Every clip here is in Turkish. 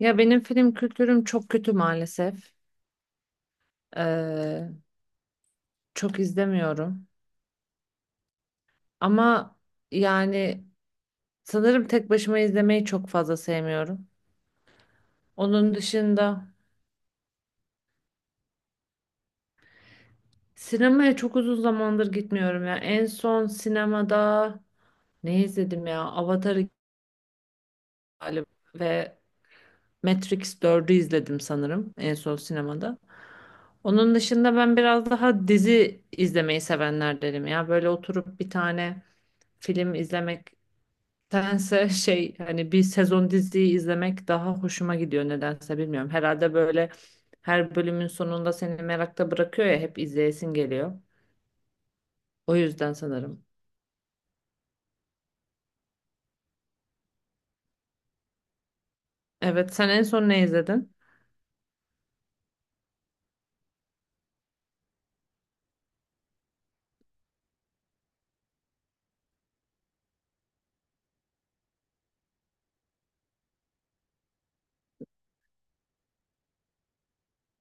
Ya benim film kültürüm çok kötü maalesef. Ee, çok izlemiyorum. Ama yani sanırım tek başıma izlemeyi çok fazla sevmiyorum. Onun dışında sinemaya çok uzun zamandır gitmiyorum ya. En son sinemada ne izledim ya? Avatar iki galiba ve Matrix dördü izledim sanırım en son sinemada. Onun dışında ben biraz daha dizi izlemeyi sevenlerdenim ya. Böyle oturup bir tane film izlemek nedense şey hani bir sezon diziyi izlemek daha hoşuma gidiyor nedense bilmiyorum. Herhalde böyle her bölümün sonunda seni merakta bırakıyor ya hep izleyesin geliyor. O yüzden sanırım. Evet, sen en son ne izledin?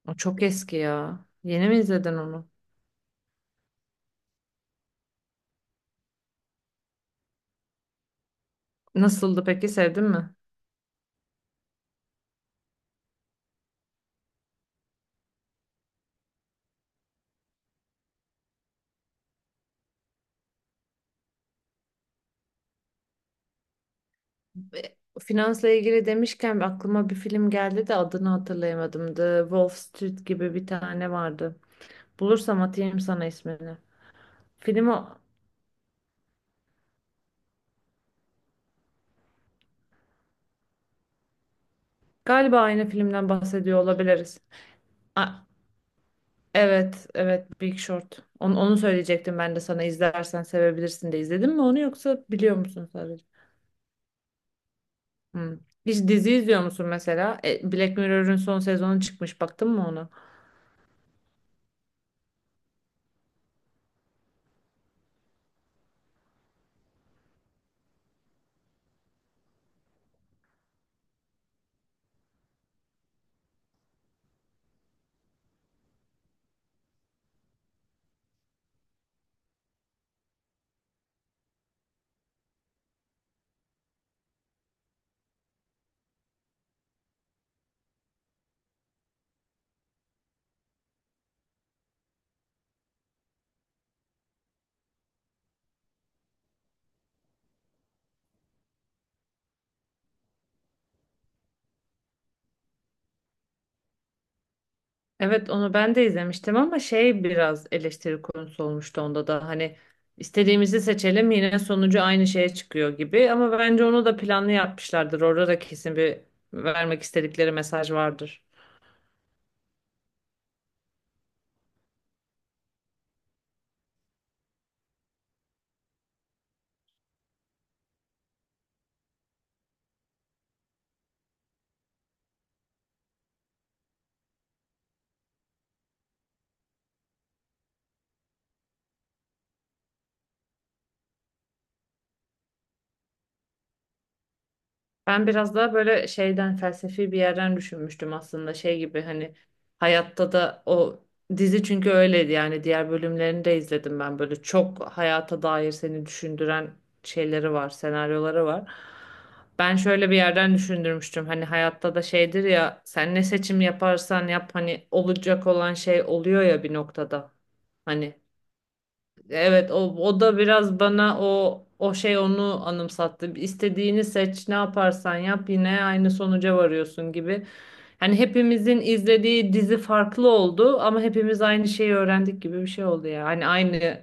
O çok eski ya. Yeni mi izledin onu? Nasıldı peki, sevdin mi? Finansla ilgili demişken aklıma bir film geldi de adını hatırlayamadım. The Wolf Street gibi bir tane vardı. Bulursam atayım sana ismini. Film o. Galiba aynı filmden bahsediyor olabiliriz. A- Evet, evet, Big Short. Onu söyleyecektim ben de sana, izlersen sevebilirsin de. İzledin mi onu yoksa biliyor musun sadece? Hmm. Hiç dizi izliyor musun mesela? Black Mirror'ın son sezonu çıkmış. Baktın mı onu? Evet, onu ben de izlemiştim ama şey, biraz eleştiri konusu olmuştu onda da. Hani istediğimizi seçelim yine sonucu aynı şeye çıkıyor gibi. Ama bence onu da planlı yapmışlardır. Orada da kesin bir vermek istedikleri mesaj vardır. Ben biraz daha böyle şeyden, felsefi bir yerden düşünmüştüm aslında, şey gibi hani hayatta da o, dizi çünkü öyleydi yani, diğer bölümlerini de izledim ben, böyle çok hayata dair seni düşündüren şeyleri var, senaryoları var. Ben şöyle bir yerden düşündürmüştüm, hani hayatta da şeydir ya, sen ne seçim yaparsan yap hani olacak olan şey oluyor ya bir noktada hani. Evet, o da biraz bana o şey, onu anımsattı. İstediğini seç, ne yaparsan yap yine aynı sonuca varıyorsun gibi. Hani hepimizin izlediği dizi farklı oldu ama hepimiz aynı şeyi öğrendik gibi bir şey oldu ya. Hani aynı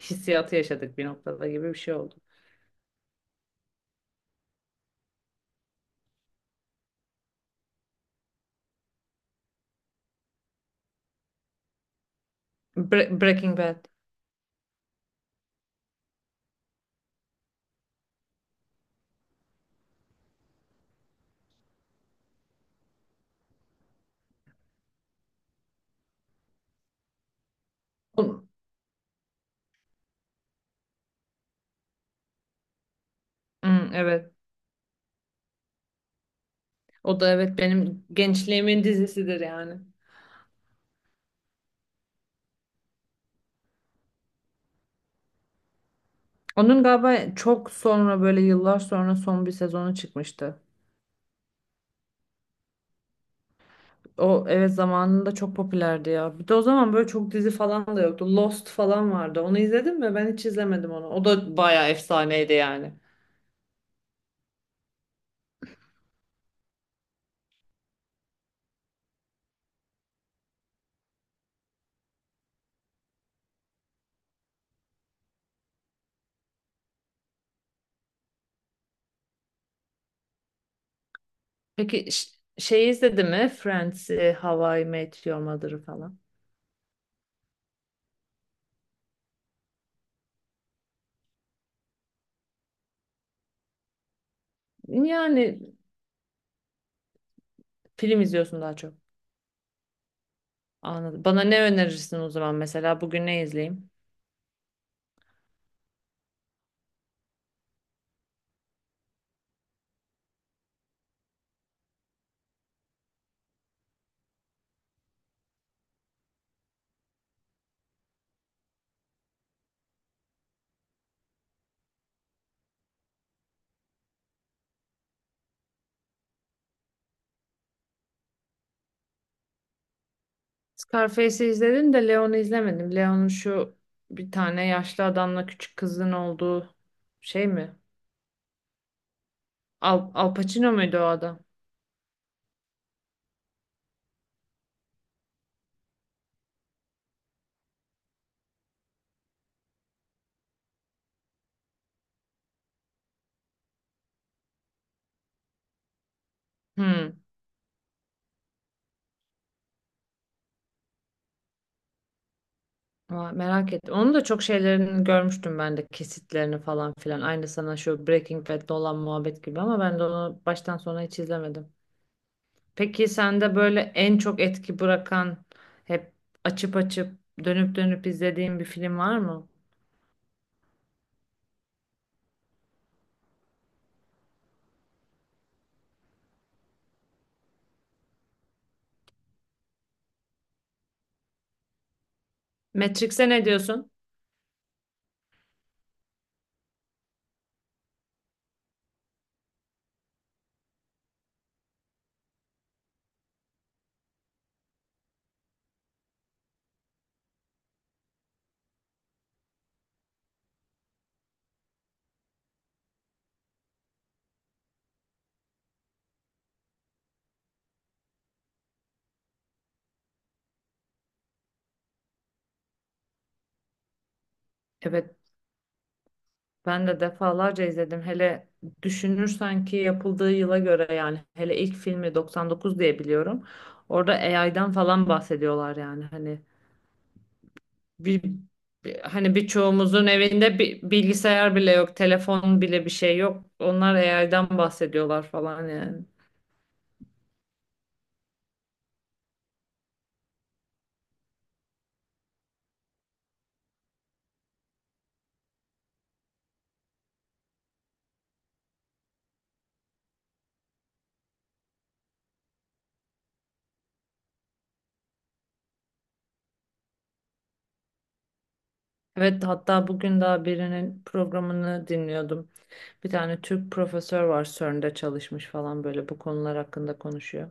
hissiyatı yaşadık bir noktada gibi bir şey oldu. Breaking Bad. O- Hmm, evet. O da evet benim gençliğimin dizisidir yani. Onun galiba çok sonra, böyle yıllar sonra son bir sezonu çıkmıştı. O evet, zamanında çok popülerdi ya. Bir de o zaman böyle çok dizi falan da yoktu. Lost falan vardı. Onu izledin mi? Ben hiç izlemedim onu. O da bayağı efsaneydi yani. Peki şey izledin mi? Friends, How I Met Your Mother'ı falan. Yani film izliyorsun daha çok. Anladım. Bana ne önerirsin o zaman mesela? Bugün ne izleyeyim? Scarface'i izledim de Leon'u izlemedim. Leon'un şu bir tane yaşlı adamla küçük kızın olduğu şey mi? Al, Al Pacino muydu o adam? Hmm. Aa, merak ettim. Onun da çok şeylerini görmüştüm ben de, kesitlerini falan filan. Aynı sana şu Breaking Bad'de olan muhabbet gibi, ama ben de onu baştan sona hiç izlemedim. Peki sende böyle en çok etki bırakan, hep açıp açıp dönüp dönüp izlediğin bir film var mı? Matrix'e ne diyorsun? Evet, ben de defalarca izledim. Hele düşünürsen ki yapıldığı yıla göre, yani hele ilk filmi 99 diye biliyorum. Orada AI'dan falan bahsediyorlar yani, hani bir, hani birçoğumuzun evinde bir bilgisayar bile yok, telefon bile bir şey yok. Onlar AI'dan bahsediyorlar falan yani. Evet, hatta bugün daha birinin programını dinliyordum. Bir tane Türk profesör var, CERN'de çalışmış falan, böyle bu konular hakkında konuşuyor.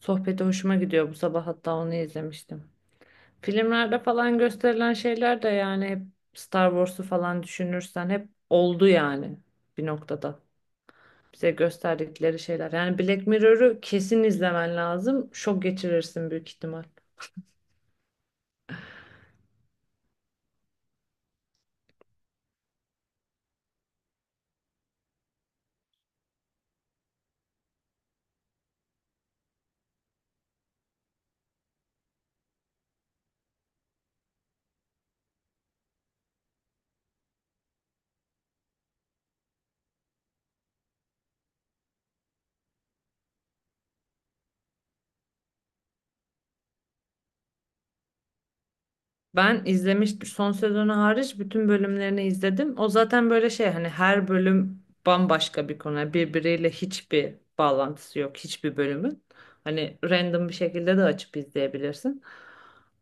Sohbeti hoşuma gidiyor. Bu sabah hatta onu izlemiştim. Filmlerde falan gösterilen şeyler de yani hep Star Wars'u falan düşünürsen hep oldu yani bir noktada. Bize gösterdikleri şeyler. Yani Black Mirror'ı kesin izlemen lazım. Şok geçirirsin büyük ihtimal. Ben izlemiştim. Son sezonu hariç bütün bölümlerini izledim. O zaten böyle şey, hani her bölüm bambaşka bir konu. Yani birbiriyle hiçbir bağlantısı yok hiçbir bölümün. Hani random bir şekilde de açıp izleyebilirsin.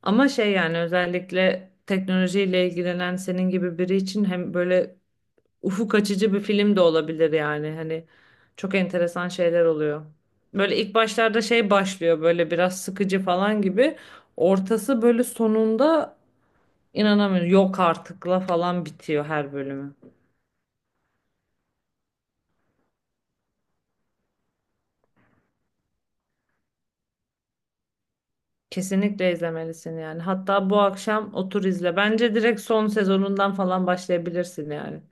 Ama şey yani, özellikle teknolojiyle ilgilenen senin gibi biri için hem böyle ufuk açıcı bir film de olabilir yani. Hani çok enteresan şeyler oluyor. Böyle ilk başlarda şey, başlıyor böyle biraz sıkıcı falan gibi. Ortası böyle, sonunda İnanamıyorum. Yok artıkla falan bitiyor her bölümü. Kesinlikle izlemelisin yani. Hatta bu akşam otur izle. Bence direkt son sezonundan falan başlayabilirsin yani.